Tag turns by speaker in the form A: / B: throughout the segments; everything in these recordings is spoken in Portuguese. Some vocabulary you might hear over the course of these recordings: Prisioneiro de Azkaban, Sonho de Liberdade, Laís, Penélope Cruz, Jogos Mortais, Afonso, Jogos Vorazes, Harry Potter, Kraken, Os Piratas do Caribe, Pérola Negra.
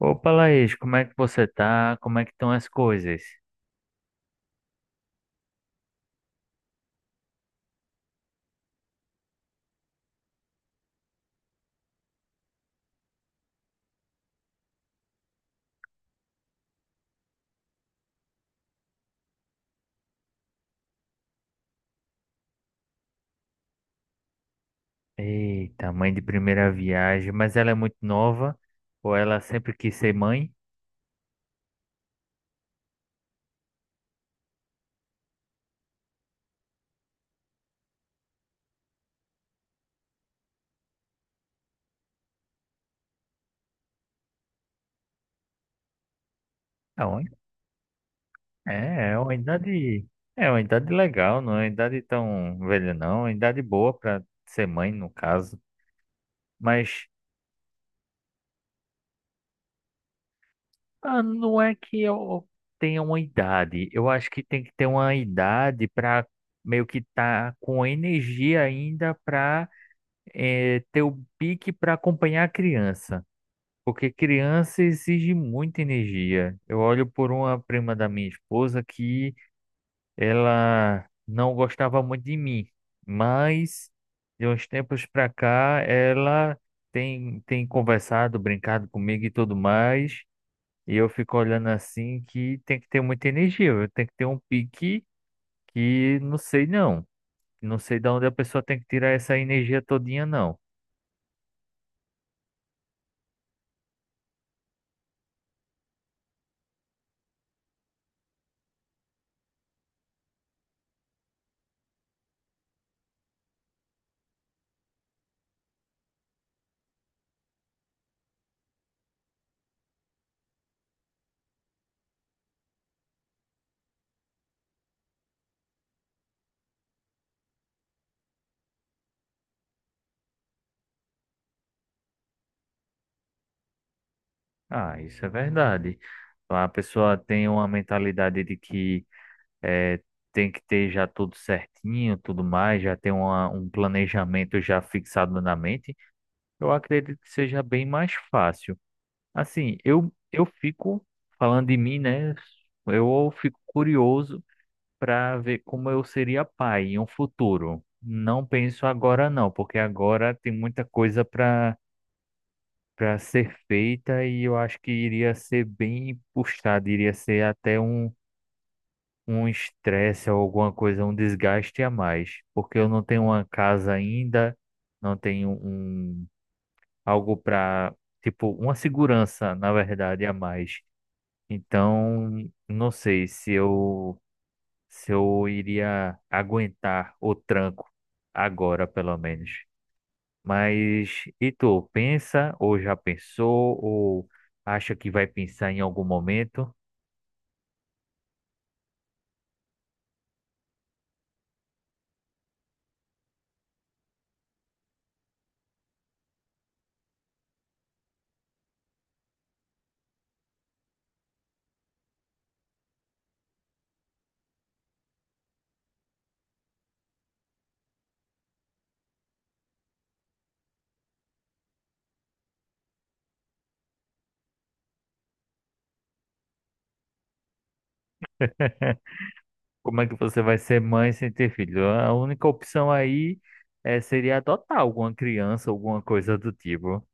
A: Opa, Laís, como é que você tá? Como é que estão as coisas? Eita, mãe de primeira viagem, mas ela é muito nova ou ela sempre quis ser mãe? É uma- é uma idade, é uma idade legal, não é uma idade tão velha não, é uma idade boa para ser mãe no caso. Mas ah, não é que eu tenha uma idade, eu acho que tem que ter uma idade para meio que tá com energia ainda para ter o pique para acompanhar a criança. Porque criança exige muita energia. Eu olho por uma prima da minha esposa que ela não gostava muito de mim, mas de uns tempos pra cá ela tem conversado, brincado comigo e tudo mais. E eu fico olhando assim que tem que ter muita energia, viu? Tem que ter um pique que não sei não. Não sei de onde a pessoa tem que tirar essa energia todinha, não. Ah, isso é verdade. A pessoa tem uma mentalidade de que é, tem que ter já tudo certinho, tudo mais, já ter uma, um planejamento já fixado na mente. Eu acredito que seja bem mais fácil. Assim, eu fico falando de mim, né? Eu fico curioso para ver como eu seria pai em um futuro. Não penso agora não, porque agora tem muita coisa para ser feita e eu acho que iria ser bem puxado, iria ser até um estresse ou alguma coisa, um desgaste a mais, porque eu não tenho uma casa ainda, não tenho um algo para, tipo, uma segurança, na verdade, a mais. Então, não sei se eu iria aguentar o tranco agora, pelo menos. Mas e tu, pensa ou já pensou ou acha que vai pensar em algum momento? Como é que você vai ser mãe sem ter filho? A única opção aí é, seria adotar alguma criança, alguma coisa do tipo.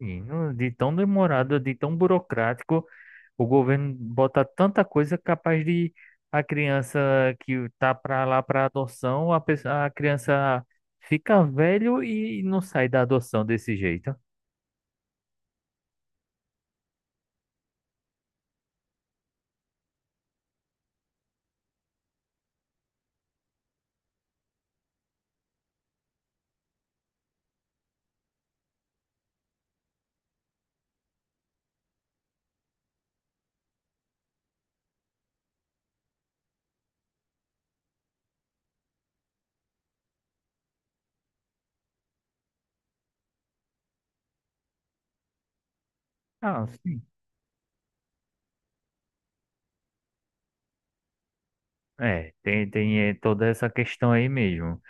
A: E não- de tão demorado, de tão burocrático, o governo bota tanta coisa capaz de a criança que tá para lá para adoção, a, pessoa, a criança fica velho e não sai da adoção desse jeito. Ah, sim. É, tem toda essa questão aí mesmo.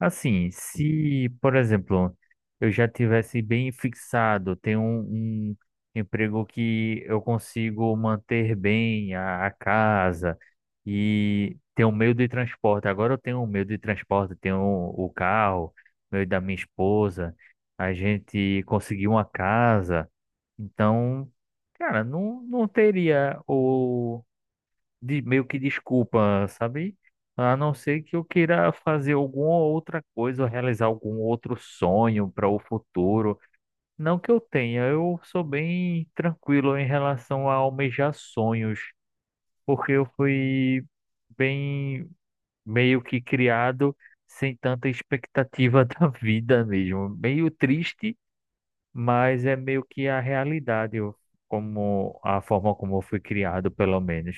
A: Assim, se, por exemplo, eu já tivesse bem fixado, tenho um, um emprego que eu consigo manter bem a casa e ter um meio de transporte. Agora eu tenho um meio de transporte, tenho o carro, meio da minha esposa, a gente conseguiu uma casa. Então, cara, não teria de meio que desculpa, sabe? A não ser que eu queira fazer alguma outra coisa, ou realizar algum outro sonho para o futuro. Não que eu tenha, eu sou bem tranquilo em relação a almejar sonhos, porque eu fui bem meio que criado sem tanta expectativa da vida mesmo. Meio triste, mas é meio que a realidade, eu- como a forma como eu fui criado, pelo menos.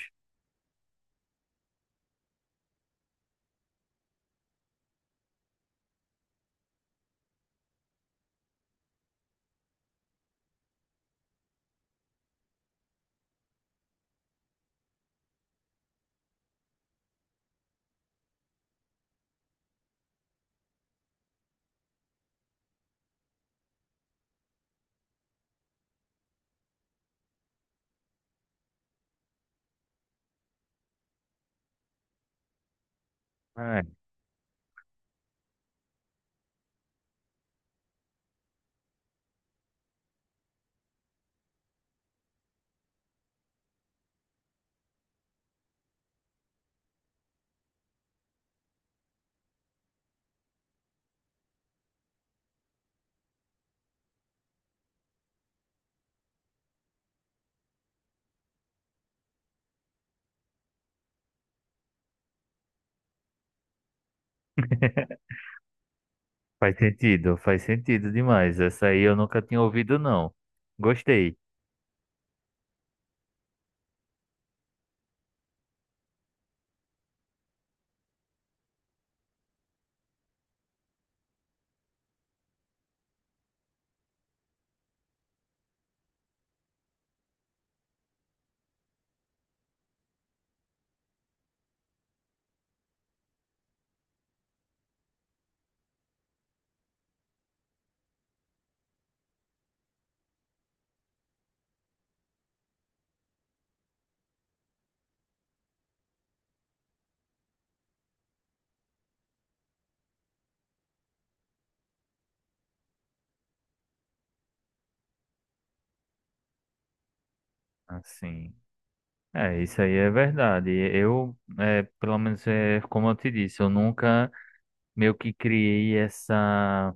A: É. Faz sentido demais. Essa aí eu nunca tinha ouvido, não. Gostei. Assim, é, isso aí é verdade. Eu, é, pelo menos, é, como eu te disse, eu nunca meio que criei essa.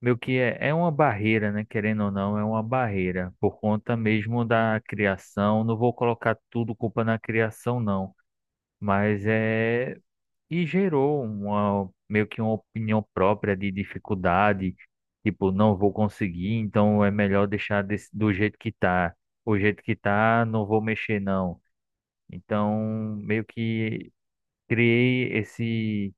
A: Meio que é, é uma barreira, né? Querendo ou não, é uma barreira. Por conta mesmo da criação. Não vou colocar tudo culpa na criação, não. Mas é e gerou uma meio que uma opinião própria de dificuldade, tipo, não vou conseguir, então é melhor deixar desse- do jeito que tá. O jeito que tá, não vou mexer não. Então, meio que criei esse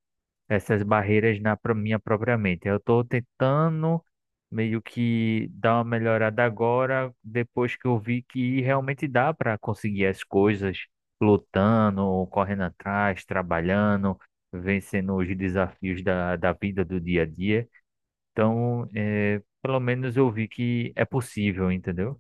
A: essas barreiras na pro- minha própria mente. Eu estou tentando meio que dar uma melhorada agora, depois que eu vi que realmente dá para conseguir as coisas lutando, correndo atrás, trabalhando, vencendo os desafios da, da vida do dia a dia. Então, é, pelo menos eu vi que é possível, entendeu?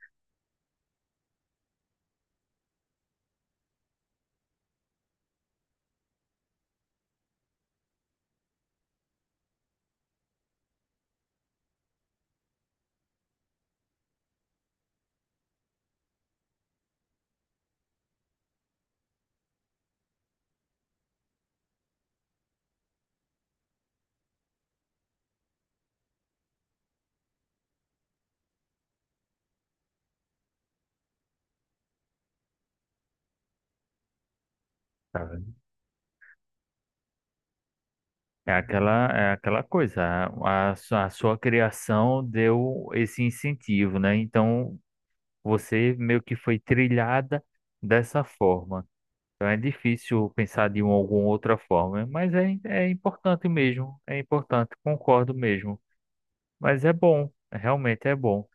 A: Cara, é aquela, é aquela coisa, a sua criação deu esse incentivo, né? Então você meio que foi trilhada dessa forma. Então é difícil pensar de uma, alguma outra forma, mas é, é importante mesmo, é importante, concordo mesmo. Mas é bom, realmente é bom.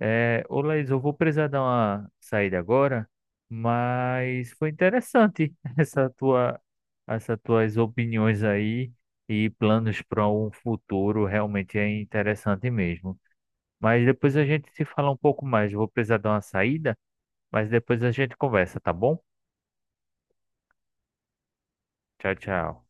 A: É, ô Laís, eu vou precisar dar uma saída agora, mas foi interessante essa tua, essas tuas opiniões aí e planos para um futuro, realmente é interessante mesmo. Mas depois a gente se fala um pouco mais. Eu vou precisar dar uma saída. Mas depois a gente conversa, tá bom? Tchau, tchau.